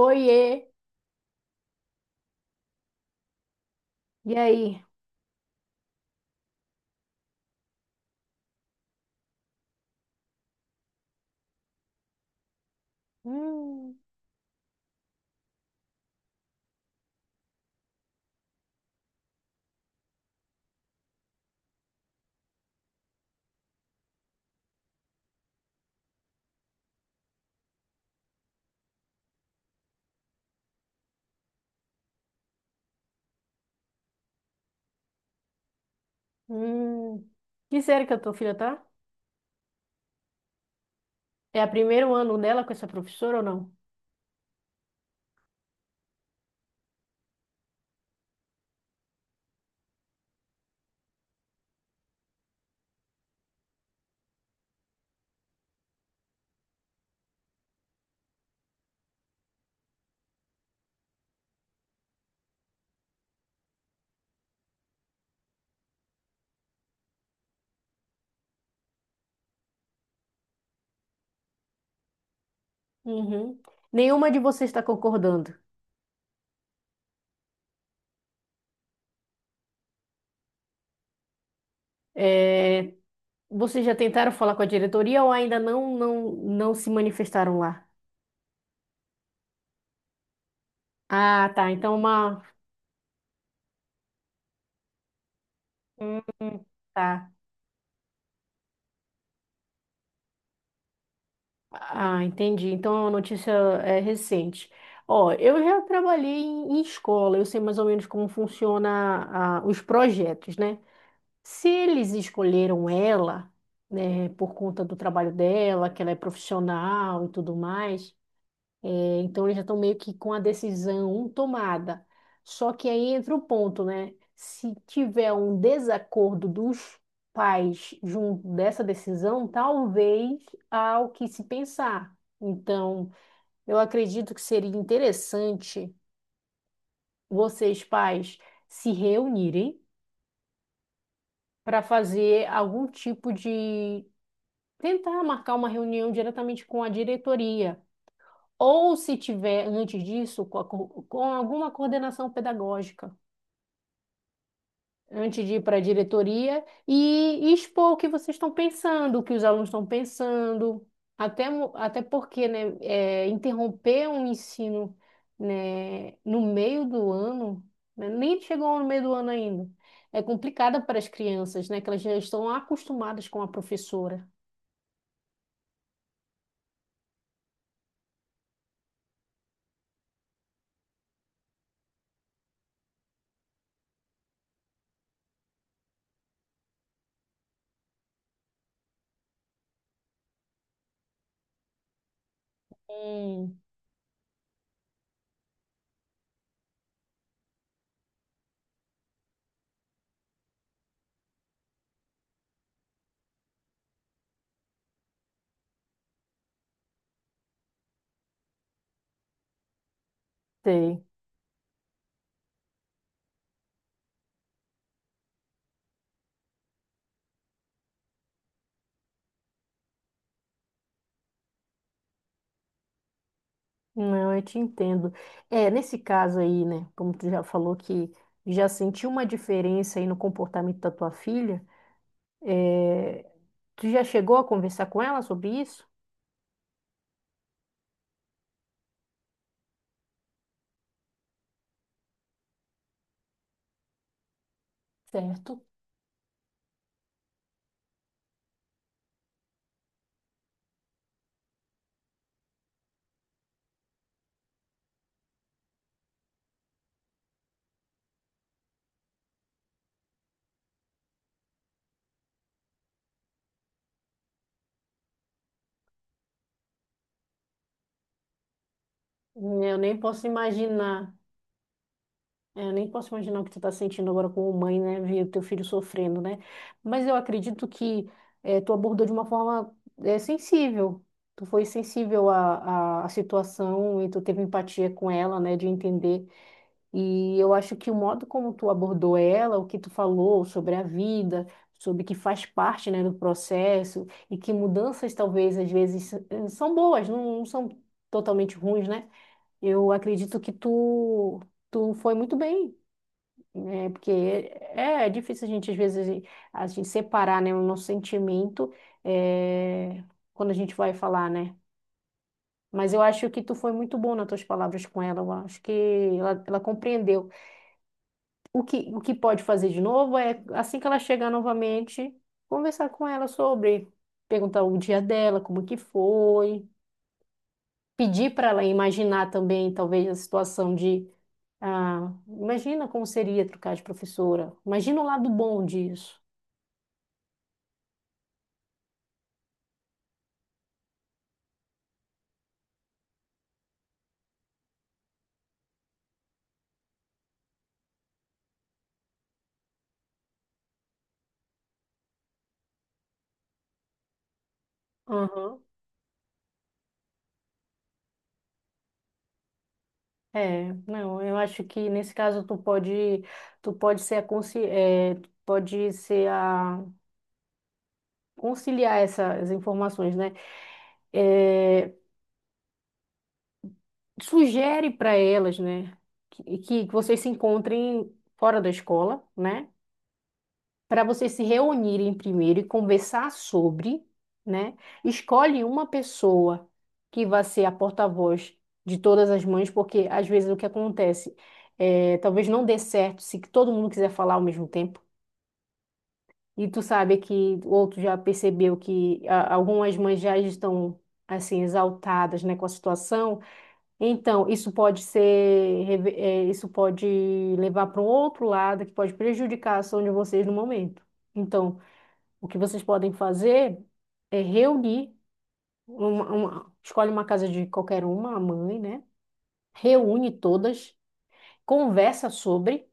Oiê! E aí? Hum, hum. Que série que a tua filha tá? É o primeiro ano dela com essa professora ou não? Uhum. Nenhuma de vocês está concordando. É, vocês já tentaram falar com a diretoria ou ainda não se manifestaram lá? Ah, tá. Então uma. Hum, tá. Ah, entendi. Então é uma notícia recente. Ó, eu já trabalhei em escola, eu sei mais ou menos como funciona os projetos, né? Se eles escolheram ela, né, por conta do trabalho dela, que ela é profissional e tudo mais, então eles já estão meio que com a decisão tomada. Só que aí entra o ponto, né? Se tiver um desacordo dos pais junto dessa decisão, talvez há o que se pensar. Então, eu acredito que seria interessante vocês, pais, se reunirem para fazer algum tipo de tentar marcar uma reunião diretamente com a diretoria, ou se tiver antes disso, a com alguma coordenação pedagógica, antes de ir para a diretoria e expor o que vocês estão pensando, o que os alunos estão pensando, até porque, né, interromper um ensino, né, no meio do ano, né, nem chegou no meio do ano ainda. É complicado para as crianças, né? Que elas já estão acostumadas com a professora. Hum, sei. Não, eu te entendo. É, nesse caso aí, né, como tu já falou que já sentiu uma diferença aí no comportamento da tua filha, é, tu já chegou a conversar com ela sobre isso? Certo. Eu nem posso imaginar, eu nem posso imaginar o que tu tá sentindo agora como mãe, né, ver o teu filho sofrendo, né? Mas eu acredito que tu abordou de uma forma sensível. Tu foi sensível à situação e tu teve empatia com ela, né, de entender. E eu acho que o modo como tu abordou ela, o que tu falou sobre a vida, sobre que faz parte, né, do processo e que mudanças talvez às vezes são boas, não são totalmente ruins, né? Eu acredito que tu foi muito bem, né? Porque é difícil a gente às vezes a gente separar, né, o nosso sentimento eh, quando a gente vai falar, né? Mas eu acho que tu foi muito bom nas tuas palavras com ela. Eu acho que ela compreendeu. O que pode fazer de novo é, assim que ela chegar novamente, conversar com ela sobre, perguntar o dia dela, como que foi, pedir para ela imaginar também, talvez, a situação de, ah, imagina como seria trocar de professora, imagina o lado bom disso. Aham. É, não, eu acho que nesse caso tu pode ser tu pode ser a conciliar essas informações, né? É, sugere para elas, né, que vocês se encontrem fora da escola, né, para vocês se reunirem primeiro e conversar sobre, né, escolhe uma pessoa que vai ser a porta-voz de todas as mães, porque às vezes o que acontece talvez não dê certo se todo mundo quiser falar ao mesmo tempo. E tu sabe que o outro já percebeu que ah, algumas mães já estão assim exaltadas, né, com a situação. Então, isso pode levar para um outro lado que pode prejudicar a ação de vocês no momento. Então, o que vocês podem fazer é reunir escolhe uma casa de qualquer uma, a mãe, né? Reúne todas, conversa sobre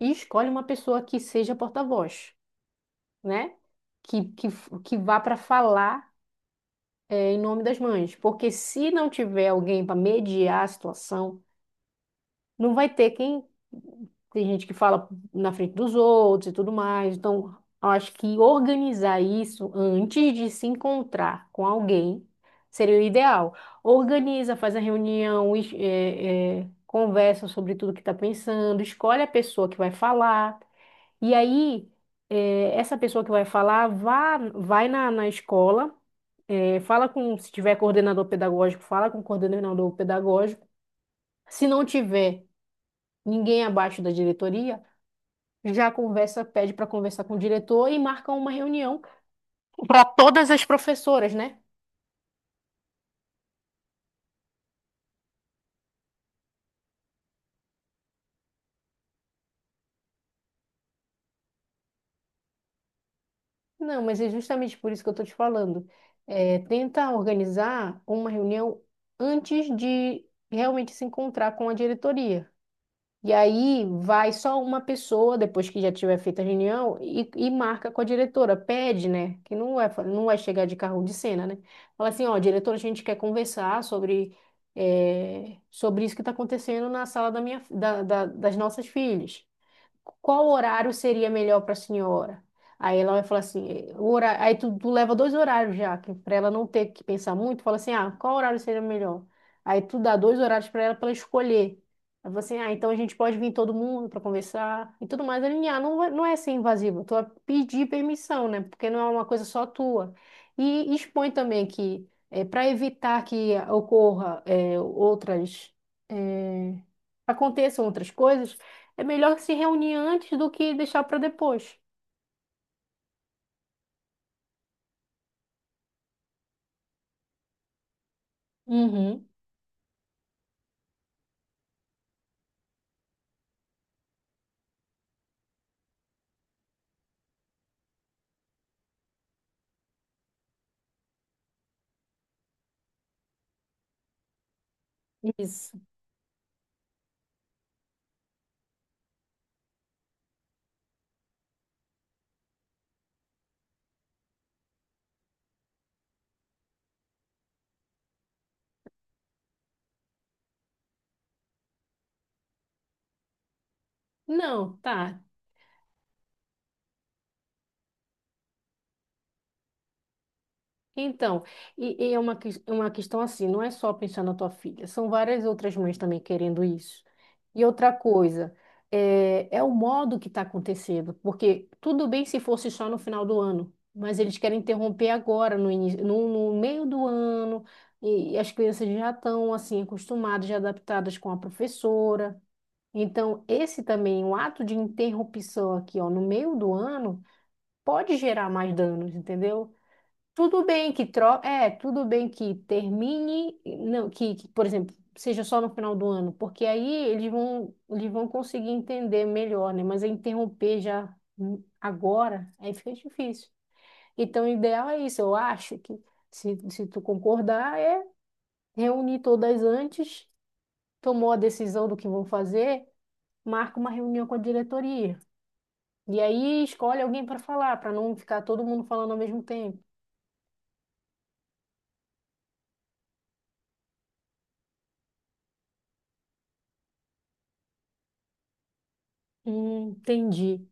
e escolhe uma pessoa que seja porta-voz, né? Que vá para falar, em nome das mães. Porque se não tiver alguém para mediar a situação, não vai ter quem. Tem gente que fala na frente dos outros e tudo mais. Então, eu acho que organizar isso antes de se encontrar com alguém seria o ideal. Organiza, faz a reunião, conversa sobre tudo que está pensando, escolhe a pessoa que vai falar. E aí, essa pessoa que vai falar, vai na escola, fala com, se tiver coordenador pedagógico, fala com o coordenador pedagógico. Se não tiver, ninguém abaixo da diretoria, já conversa, pede para conversar com o diretor e marca uma reunião para todas as professoras, né? Não, mas é justamente por isso que eu estou te falando. É, tenta organizar uma reunião antes de realmente se encontrar com a diretoria. E aí vai só uma pessoa, depois que já tiver feita a reunião, e marca com a diretora, pede, né? Que não é chegar de carro de cena, né? Fala assim, ó, diretora, a gente quer conversar sobre, sobre isso que está acontecendo na sala da minha, da, da- das nossas filhas, qual horário seria melhor para a senhora? Aí ela vai falar assim, o horário, aí tu leva dois horários já, para ela não ter que pensar muito, fala assim, ah, qual horário seria melhor? Aí tu dá dois horários para ela para escolher. Aí você, ah, então a gente pode vir todo mundo para conversar e tudo mais, alinhar. Não, não é ser invasivo, tu vai pedir permissão, né? Porque não é uma coisa só tua. E expõe também que, para evitar que ocorra eh, outras aconteçam outras coisas, é melhor se reunir antes do que deixar para depois. Uhum, isso. Não, tá. Então, e é uma, uma questão assim, não é só pensar na tua filha, são várias outras mães também querendo isso. E outra coisa, é o modo que está acontecendo, porque tudo bem se fosse só no final do ano, mas eles querem interromper agora, no início, no, no meio do ano, e as crianças já estão assim acostumadas, já adaptadas com a professora. Então, esse também, um ato de interrupção aqui, ó, no meio do ano, pode gerar mais danos, entendeu? Tudo bem que termine, não, que, por exemplo, seja só no final do ano, porque aí eles vão conseguir entender melhor, né? Mas é interromper já agora, aí fica difícil. Então, o ideal é isso, eu acho que se tu concordar, é reunir todas antes, tomou a decisão do que vão fazer, marca uma reunião com a diretoria. E aí escolhe alguém para falar, para não ficar todo mundo falando ao mesmo tempo. Entendi.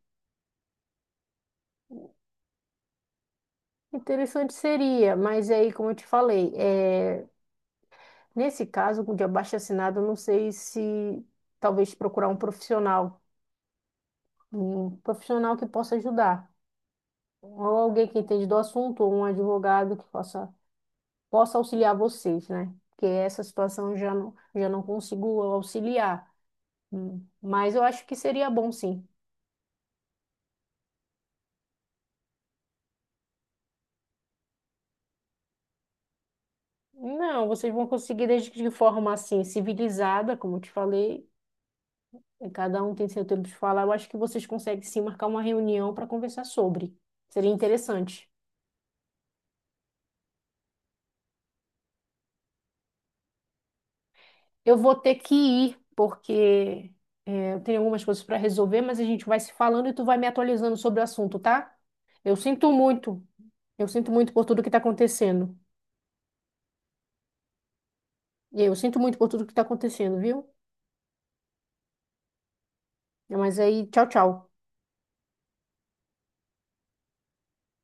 Interessante seria, mas aí, como eu te falei, é, nesse caso de abaixo-assinado, eu não sei se talvez procurar um profissional que possa ajudar, ou alguém que entende do assunto, ou um advogado que possa, possa auxiliar vocês, né? Porque essa situação eu já não consigo auxiliar. Mas eu acho que seria bom, sim. Não, vocês vão conseguir desde que de forma assim, civilizada, como eu te falei, e cada um tem seu tempo de falar. Eu acho que vocês conseguem sim marcar uma reunião para conversar sobre. Seria interessante. Eu vou ter que ir, porque eu tenho algumas coisas para resolver, mas a gente vai se falando e tu vai me atualizando sobre o assunto, tá? Eu sinto muito, eu sinto muito por tudo que está acontecendo. E eu sinto muito por tudo que está acontecendo, viu? Mas aí, tchau, tchau.